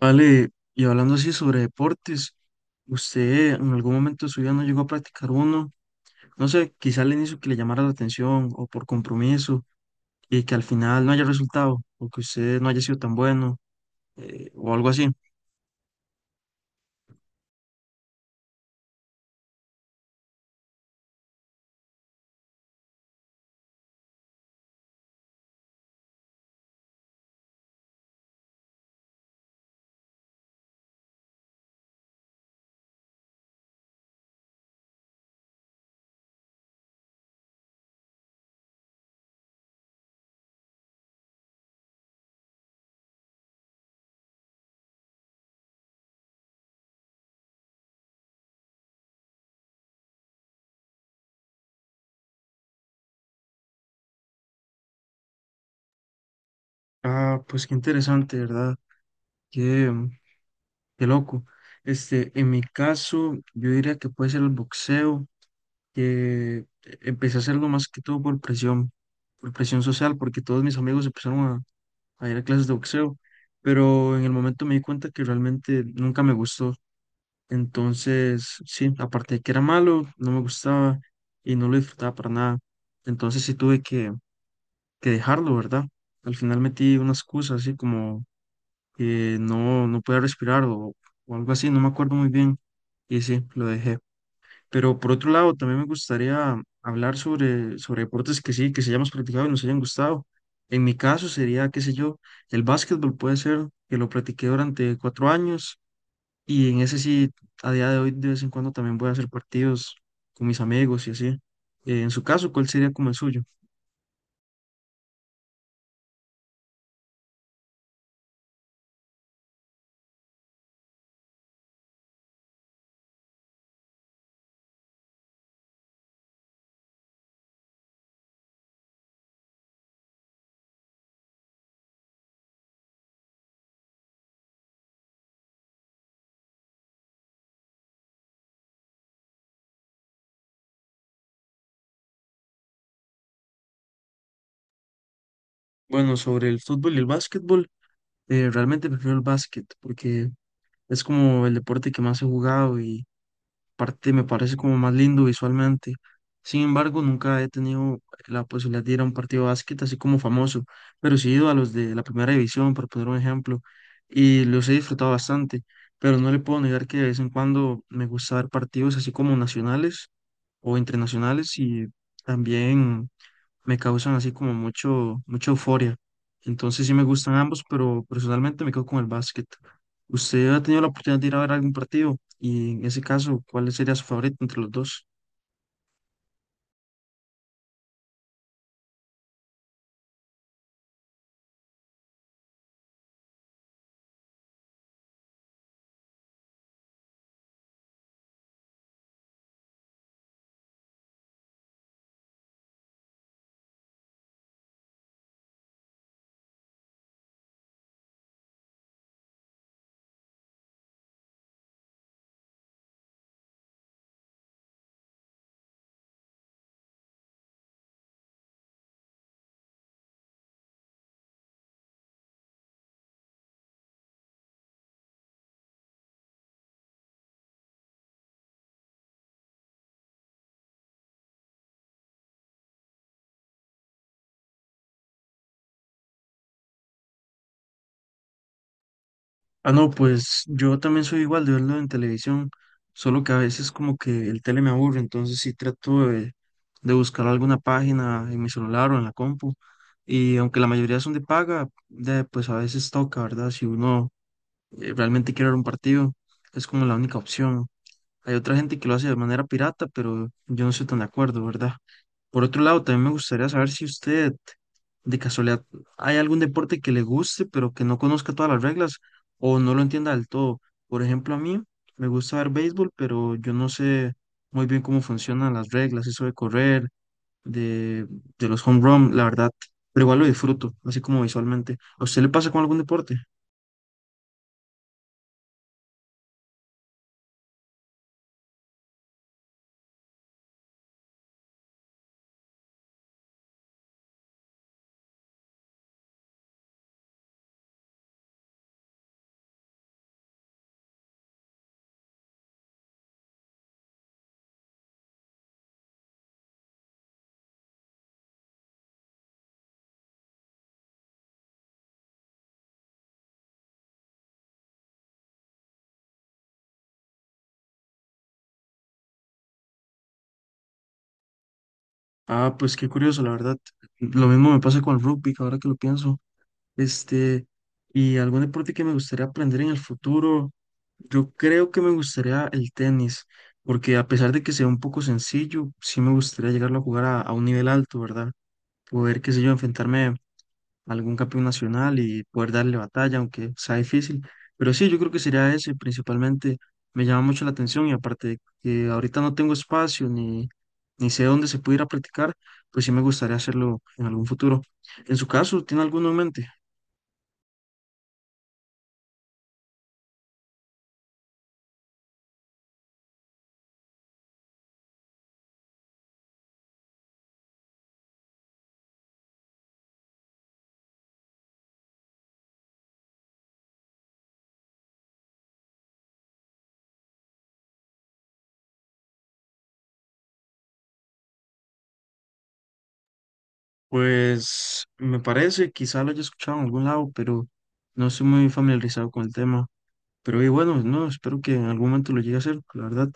Vale, y hablando así sobre deportes, ¿usted en algún momento de su vida no llegó a practicar uno? No sé, quizá al inicio que le llamara la atención o por compromiso y que al final no haya resultado o que usted no haya sido tan bueno o algo así. Ah, pues qué interesante, ¿verdad? Qué, qué loco. Este, en mi caso, yo diría que puede ser el boxeo, que empecé a hacerlo más que todo por presión social, porque todos mis amigos empezaron a ir a clases de boxeo, pero en el momento me di cuenta que realmente nunca me gustó. Entonces, sí, aparte de que era malo, no me gustaba y no lo disfrutaba para nada. Entonces sí que dejarlo, ¿verdad? Al final metí una excusa así como que no, no podía respirar o algo así, no me acuerdo muy bien. Y sí, lo dejé. Pero por otro lado, también me gustaría hablar sobre deportes que sí, que se hayamos practicado y nos hayan gustado. En mi caso sería, qué sé yo, el básquetbol puede ser que lo practiqué durante 4 años y en ese sí, a día de hoy, de vez en cuando también voy a hacer partidos con mis amigos y así. En su caso, ¿cuál sería como el suyo? Bueno, sobre el fútbol y el básquetbol, realmente prefiero el básquet porque es como el deporte que más he jugado parte me parece como más lindo visualmente. Sin embargo, nunca he tenido la posibilidad de ir a un partido de básquet así como famoso, pero sí he ido a los de la primera división, por poner un ejemplo, y los he disfrutado bastante, pero no le puedo negar que de vez en cuando me gusta ver partidos así como nacionales o internacionales y también me causan así como mucha euforia. Entonces sí me gustan ambos, pero personalmente me quedo con el básquet. ¿Usted ha tenido la oportunidad de ir a ver algún partido? Y en ese caso, ¿cuál sería su favorito entre los dos? Ah, no, pues yo también soy igual de verlo en televisión, solo que a veces como que el tele me aburre, entonces sí trato de buscar alguna página en mi celular o en la compu. Y aunque la mayoría son de paga, de, pues a veces toca, ¿verdad? Si uno realmente quiere ver un partido, es como la única opción. Hay otra gente que lo hace de manera pirata, pero yo no estoy tan de acuerdo, ¿verdad? Por otro lado, también me gustaría saber si usted, de casualidad, hay algún deporte que le guste, pero que no conozca todas las reglas o no lo entienda del todo. Por ejemplo, a mí me gusta ver béisbol, pero yo no sé muy bien cómo funcionan las reglas, eso de correr, de, de los home run, la verdad. Pero igual lo disfruto, así como visualmente. ¿A usted le pasa con algún deporte? Ah, pues qué curioso, la verdad. Lo mismo me pasa con el rugby, ahora que lo pienso. Este, y algún deporte que me gustaría aprender en el futuro, yo creo que me gustaría el tenis, porque a pesar de que sea un poco sencillo, sí me gustaría llegarlo a jugar a un nivel alto, ¿verdad? Poder, qué sé yo, enfrentarme a algún campeón nacional y poder darle batalla, aunque sea difícil. Pero sí, yo creo que sería ese principalmente. Me llama mucho la atención y aparte de que ahorita no tengo espacio ni sé dónde se pudiera practicar, pues sí me gustaría hacerlo en algún futuro. En su caso, ¿tiene alguno en mente? Pues me parece, quizá lo haya escuchado en algún lado, pero no estoy muy familiarizado con el tema. Pero y bueno, no, espero que en algún momento lo llegue a hacer, la verdad,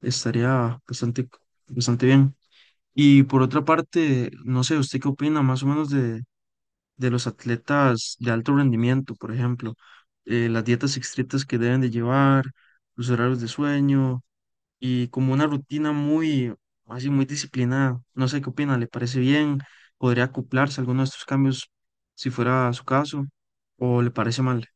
estaría bastante, bastante bien. Y por otra parte, no sé, ¿usted qué opina más o menos de los atletas de alto rendimiento, por ejemplo? Las dietas estrictas que deben de llevar, los horarios de sueño y como una rutina muy, así, muy disciplinada. No sé qué opina, ¿le parece bien? ¿Podría acoplarse a alguno de estos cambios si fuera su caso? ¿O le parece mal?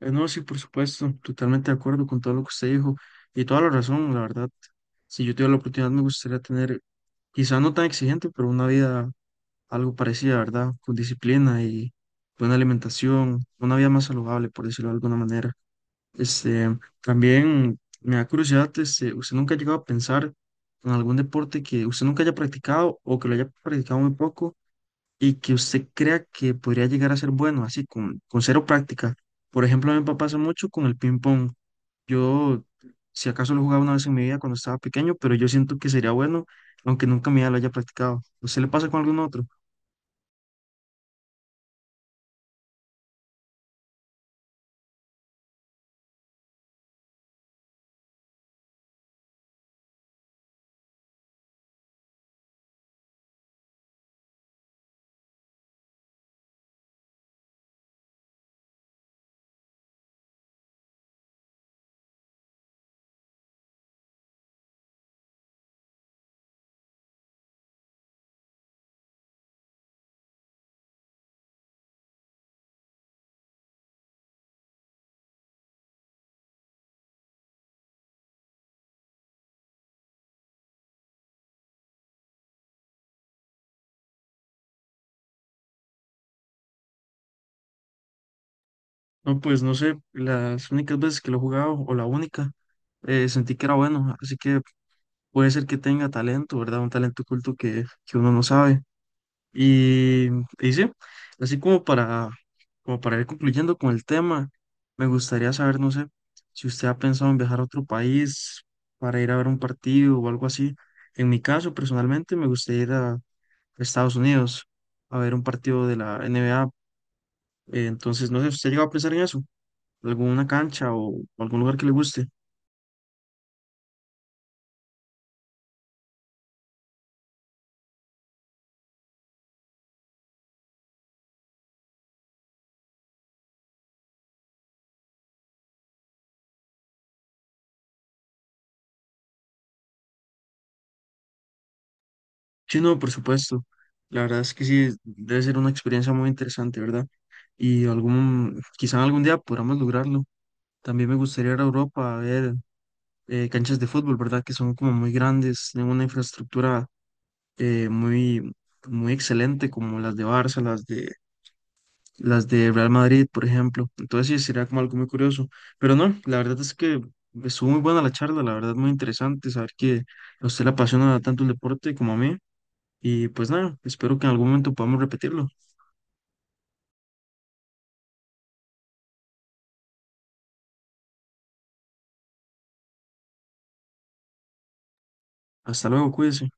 No, sí, por supuesto, totalmente de acuerdo con todo lo que usted dijo y toda la razón, la verdad. Si yo tuviera la oportunidad, me gustaría tener, quizá no tan exigente, pero una vida algo parecida, ¿verdad? Con disciplina y buena alimentación, una vida más saludable, por decirlo de alguna manera. Este, también me da curiosidad, este, ¿usted nunca ha llegado a pensar en algún deporte que usted nunca haya practicado o que lo haya practicado muy poco y que usted crea que podría llegar a ser bueno, así con 0 práctica? Por ejemplo, a mí me pasa mucho con el ping pong. Yo, si acaso lo jugaba una vez en mi vida cuando estaba pequeño, pero yo siento que sería bueno, aunque nunca en mi vida lo haya practicado. ¿A ¿Usted le pasa con algún otro? No, pues no sé, las únicas veces que lo he jugado o la única, sentí que era bueno, así que puede ser que tenga talento, ¿verdad? Un talento oculto que uno no sabe. Y, y sí, así como como para ir concluyendo con el tema, me gustaría saber, no sé, si usted ha pensado en viajar a otro país para ir a ver un partido o algo así. En mi caso, personalmente, me gustaría ir a Estados Unidos a ver un partido de la NBA. Entonces, no sé, ¿usted llegó a pensar en eso? ¿Alguna cancha o algún lugar que le guste? Sí, no, por supuesto. La verdad es que sí, debe ser una experiencia muy interesante, ¿verdad? Y algún, quizá algún día podamos lograrlo. También me gustaría ir a Europa a ver canchas de fútbol, ¿verdad? Que son como muy grandes, tienen una infraestructura muy, muy excelente, como las de Barça, las las de Real Madrid, por ejemplo. Entonces sí, sería como algo muy curioso. Pero no, la verdad es que estuvo muy buena la charla, la verdad muy interesante saber que a usted le apasiona tanto el deporte como a mí. Y pues nada, espero que en algún momento podamos repetirlo. Hasta luego, cuídense.